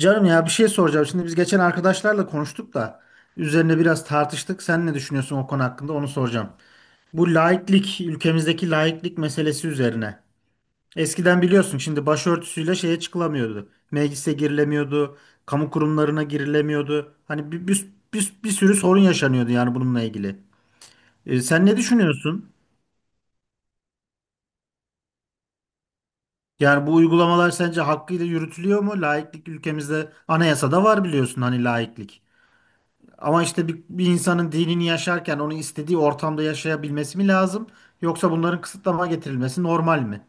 Canım ya bir şey soracağım. Şimdi biz geçen arkadaşlarla konuştuk da üzerine biraz tartıştık. Sen ne düşünüyorsun o konu hakkında onu soracağım. Bu laiklik, ülkemizdeki laiklik meselesi üzerine. Eskiden biliyorsun şimdi başörtüsüyle şeye çıkılamıyordu. Meclise girilemiyordu, kamu kurumlarına girilemiyordu. Hani bir sürü sorun yaşanıyordu yani bununla ilgili. Sen ne düşünüyorsun? Yani bu uygulamalar sence hakkıyla yürütülüyor mu? Laiklik ülkemizde anayasada var biliyorsun hani laiklik. Ama işte bir insanın dinini yaşarken onu istediği ortamda yaşayabilmesi mi lazım? Yoksa bunların kısıtlama getirilmesi normal mi?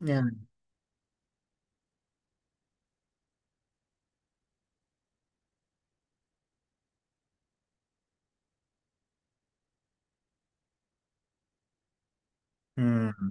Yani. Hmm.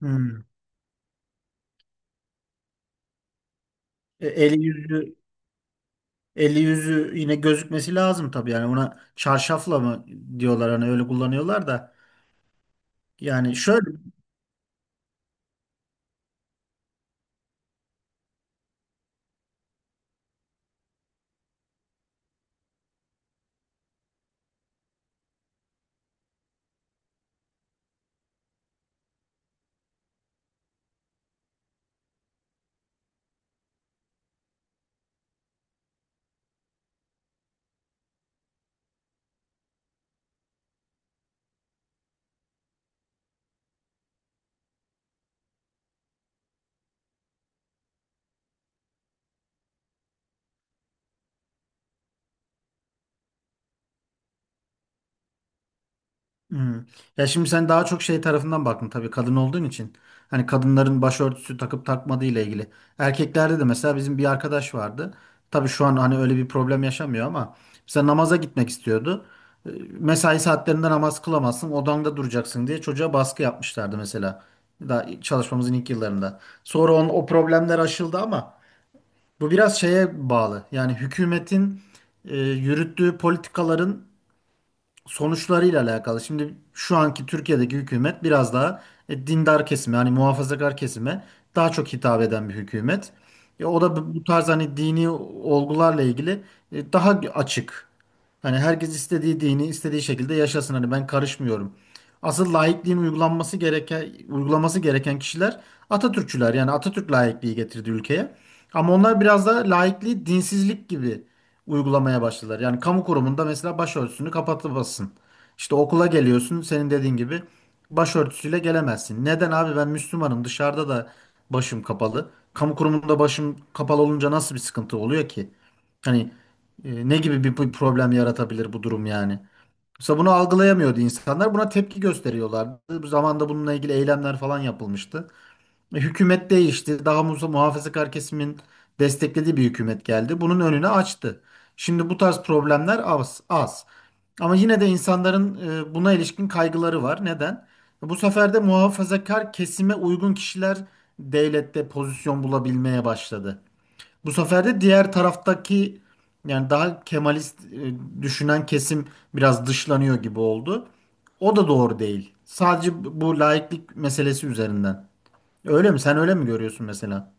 Hmm. Eli yüzü eli yüzü yine gözükmesi lazım tabii yani ona çarşafla mı diyorlar hani öyle kullanıyorlar da. Yani şöyle. Hmm. Ya şimdi sen daha çok şey tarafından baktın tabii kadın olduğun için. Hani kadınların başörtüsü takıp takmadığı ile ilgili. Erkeklerde de mesela bizim bir arkadaş vardı. Tabii şu an hani öyle bir problem yaşamıyor ama mesela namaza gitmek istiyordu. Ee, Mesai saatlerinde namaz kılamazsın, odanda duracaksın diye çocuğa baskı yapmışlardı mesela. Daha çalışmamızın ilk yıllarında. Sonra o problemler aşıldı ama bu biraz şeye bağlı. Yani hükümetin yürüttüğü politikaların sonuçlarıyla alakalı. Şimdi şu anki Türkiye'deki hükümet biraz daha dindar kesime, hani muhafazakar kesime daha çok hitap eden bir hükümet. O da bu tarz hani dini olgularla ilgili daha açık. Hani herkes istediği dini istediği şekilde yaşasın. Hani ben karışmıyorum. Asıl laikliğin uygulanması gereken uygulaması gereken kişiler Atatürkçüler. Yani Atatürk laikliği getirdi ülkeye. Ama onlar biraz da laikliği dinsizlik gibi uygulamaya başladılar. Yani kamu kurumunda mesela başörtüsünü kapatırsın. İşte okula geliyorsun senin dediğin gibi başörtüsüyle gelemezsin. Neden abi ben Müslümanım dışarıda da başım kapalı. Kamu kurumunda başım kapalı olunca nasıl bir sıkıntı oluyor ki? Hani ne gibi bir problem yaratabilir bu durum yani? Mesela bunu algılayamıyordu insanlar. Buna tepki gösteriyorlardı. Bu zamanda bununla ilgili eylemler falan yapılmıştı. Hükümet değişti. Daha muhafazakar kesimin desteklediği bir hükümet geldi. Bunun önünü açtı. Şimdi bu tarz problemler az, az. Ama yine de insanların buna ilişkin kaygıları var. Neden? Bu sefer de muhafazakar kesime uygun kişiler devlette pozisyon bulabilmeye başladı. Bu sefer de diğer taraftaki yani daha Kemalist düşünen kesim biraz dışlanıyor gibi oldu. O da doğru değil. Sadece bu laiklik meselesi üzerinden. Öyle mi? Sen öyle mi görüyorsun mesela?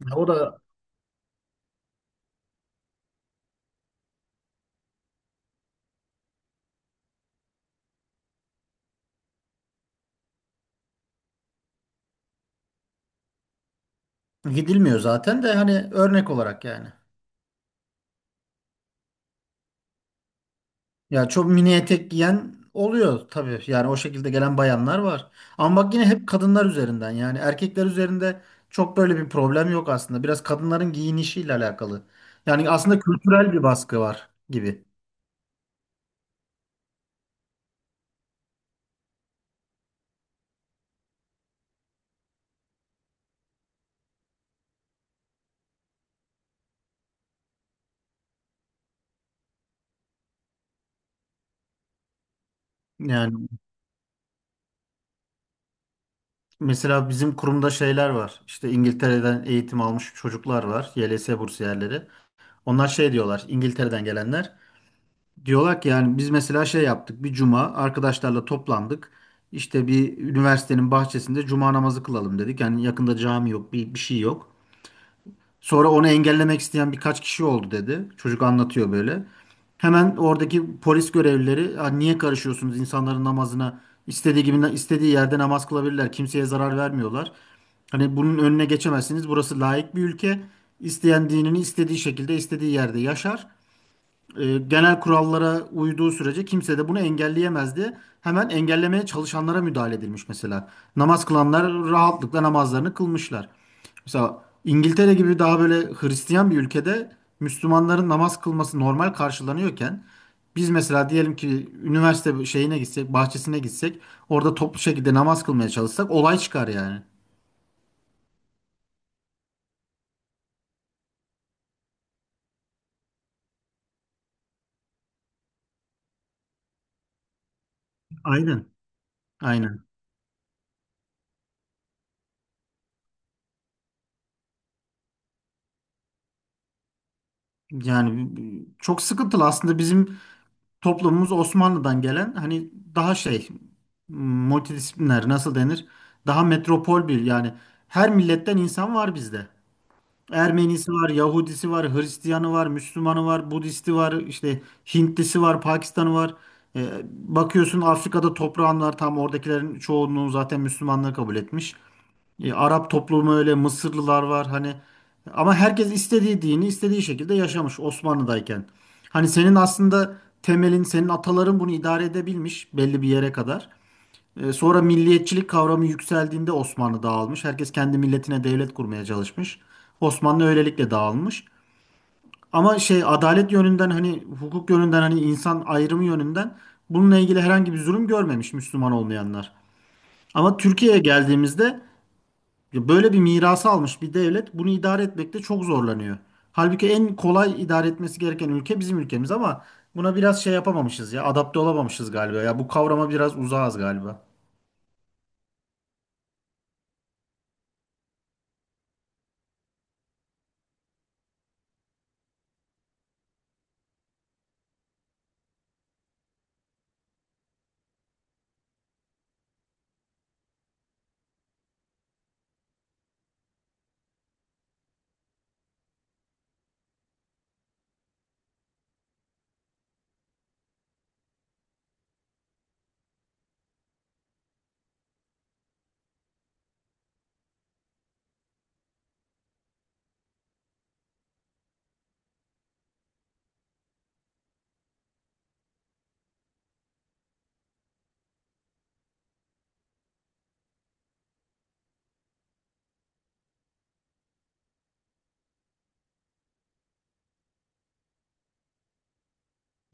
Ya o da gidilmiyor zaten de hani örnek olarak yani. Ya çok mini etek giyen oluyor tabii. Yani o şekilde gelen bayanlar var. Ama bak yine hep kadınlar üzerinden yani erkekler üzerinde çok böyle bir problem yok aslında. Biraz kadınların giyinişiyle alakalı. Yani aslında kültürel bir baskı var gibi. Yani mesela bizim kurumda şeyler var. İşte İngiltere'den eğitim almış çocuklar var. YLS bursiyerleri. Onlar şey diyorlar İngiltere'den gelenler. Diyorlar ki yani biz mesela şey yaptık bir cuma arkadaşlarla toplandık. İşte bir üniversitenin bahçesinde cuma namazı kılalım dedik. Yani yakında cami yok bir şey yok. Sonra onu engellemek isteyen birkaç kişi oldu dedi. Çocuk anlatıyor böyle. Hemen oradaki polis görevlileri: "Ya niye karışıyorsunuz insanların namazına? İstediği gibi istediği yerde namaz kılabilirler. Kimseye zarar vermiyorlar. Hani bunun önüne geçemezsiniz. Burası laik bir ülke. İsteyen dinini istediği şekilde istediği yerde yaşar genel kurallara uyduğu sürece kimse de bunu engelleyemezdi." Hemen engellemeye çalışanlara müdahale edilmiş mesela. Namaz kılanlar rahatlıkla namazlarını kılmışlar. Mesela İngiltere gibi daha böyle Hristiyan bir ülkede Müslümanların namaz kılması normal karşılanıyorken biz mesela diyelim ki üniversite şeyine gitsek, bahçesine gitsek, orada toplu şekilde namaz kılmaya çalışsak olay çıkar yani. Aynen. Aynen. Yani çok sıkıntılı aslında bizim toplumumuz Osmanlı'dan gelen hani daha şey multidisipliner nasıl denir? Daha metropol bir yani her milletten insan var bizde. Ermenisi var, Yahudisi var, Hristiyanı var, Müslümanı var, Budisti var, işte Hintlisi var, Pakistanı var. Ee, bakıyorsun Afrika'da toprağın var. Tam oradakilerin çoğunluğu zaten Müslümanlığı kabul etmiş. E, Arap toplumu öyle, Mısırlılar var hani ama herkes istediği dini istediği şekilde yaşamış Osmanlı'dayken. Hani senin aslında temelin, senin ataların bunu idare edebilmiş belli bir yere kadar. Sonra milliyetçilik kavramı yükseldiğinde Osmanlı dağılmış. Herkes kendi milletine devlet kurmaya çalışmış. Osmanlı öylelikle dağılmış. Ama şey adalet yönünden hani hukuk yönünden hani insan ayrımı yönünden bununla ilgili herhangi bir zulüm görmemiş Müslüman olmayanlar. Ama Türkiye'ye geldiğimizde böyle bir mirası almış bir devlet bunu idare etmekte çok zorlanıyor. Halbuki en kolay idare etmesi gereken ülke bizim ülkemiz ama buna biraz şey yapamamışız ya adapte olamamışız galiba. Ya bu kavrama biraz uzağız galiba.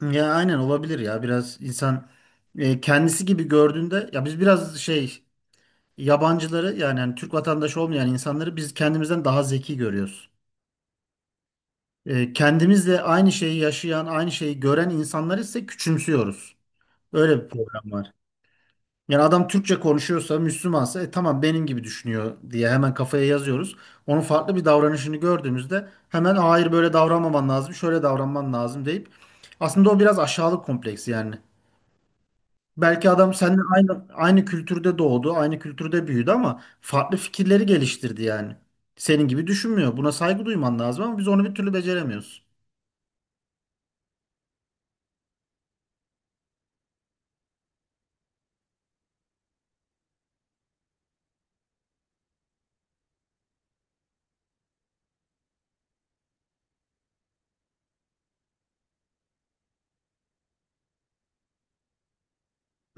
Ya aynen olabilir ya biraz insan kendisi gibi gördüğünde ya biz biraz şey yabancıları yani, hani Türk vatandaşı olmayan insanları biz kendimizden daha zeki görüyoruz. Kendimizle aynı şeyi yaşayan aynı şeyi gören insanları ise küçümsüyoruz. Öyle bir problem var. Yani adam Türkçe konuşuyorsa, Müslümansa tamam benim gibi düşünüyor diye hemen kafaya yazıyoruz. Onun farklı bir davranışını gördüğümüzde hemen hayır böyle davranmaman lazım, şöyle davranman lazım deyip aslında o biraz aşağılık kompleksi yani. Belki adam seninle aynı kültürde doğdu, aynı kültürde büyüdü ama farklı fikirleri geliştirdi yani. Senin gibi düşünmüyor. Buna saygı duyman lazım ama biz onu bir türlü beceremiyoruz.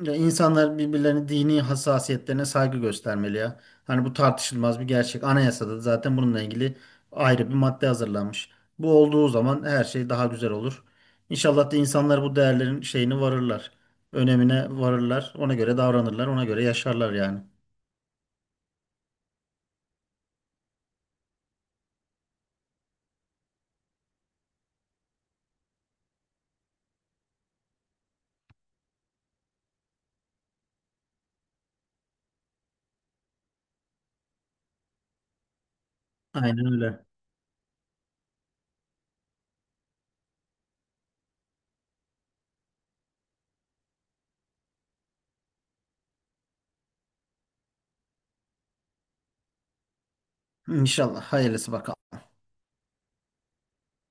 Ya insanlar birbirlerinin dini hassasiyetlerine saygı göstermeli ya. Hani bu tartışılmaz bir gerçek. Anayasada da zaten bununla ilgili ayrı bir madde hazırlanmış. Bu olduğu zaman her şey daha güzel olur. İnşallah da insanlar bu değerlerin şeyini varırlar. Önemine varırlar. Ona göre davranırlar. Ona göre yaşarlar yani. Aynen öyle. İnşallah. Hayırlısı bakalım.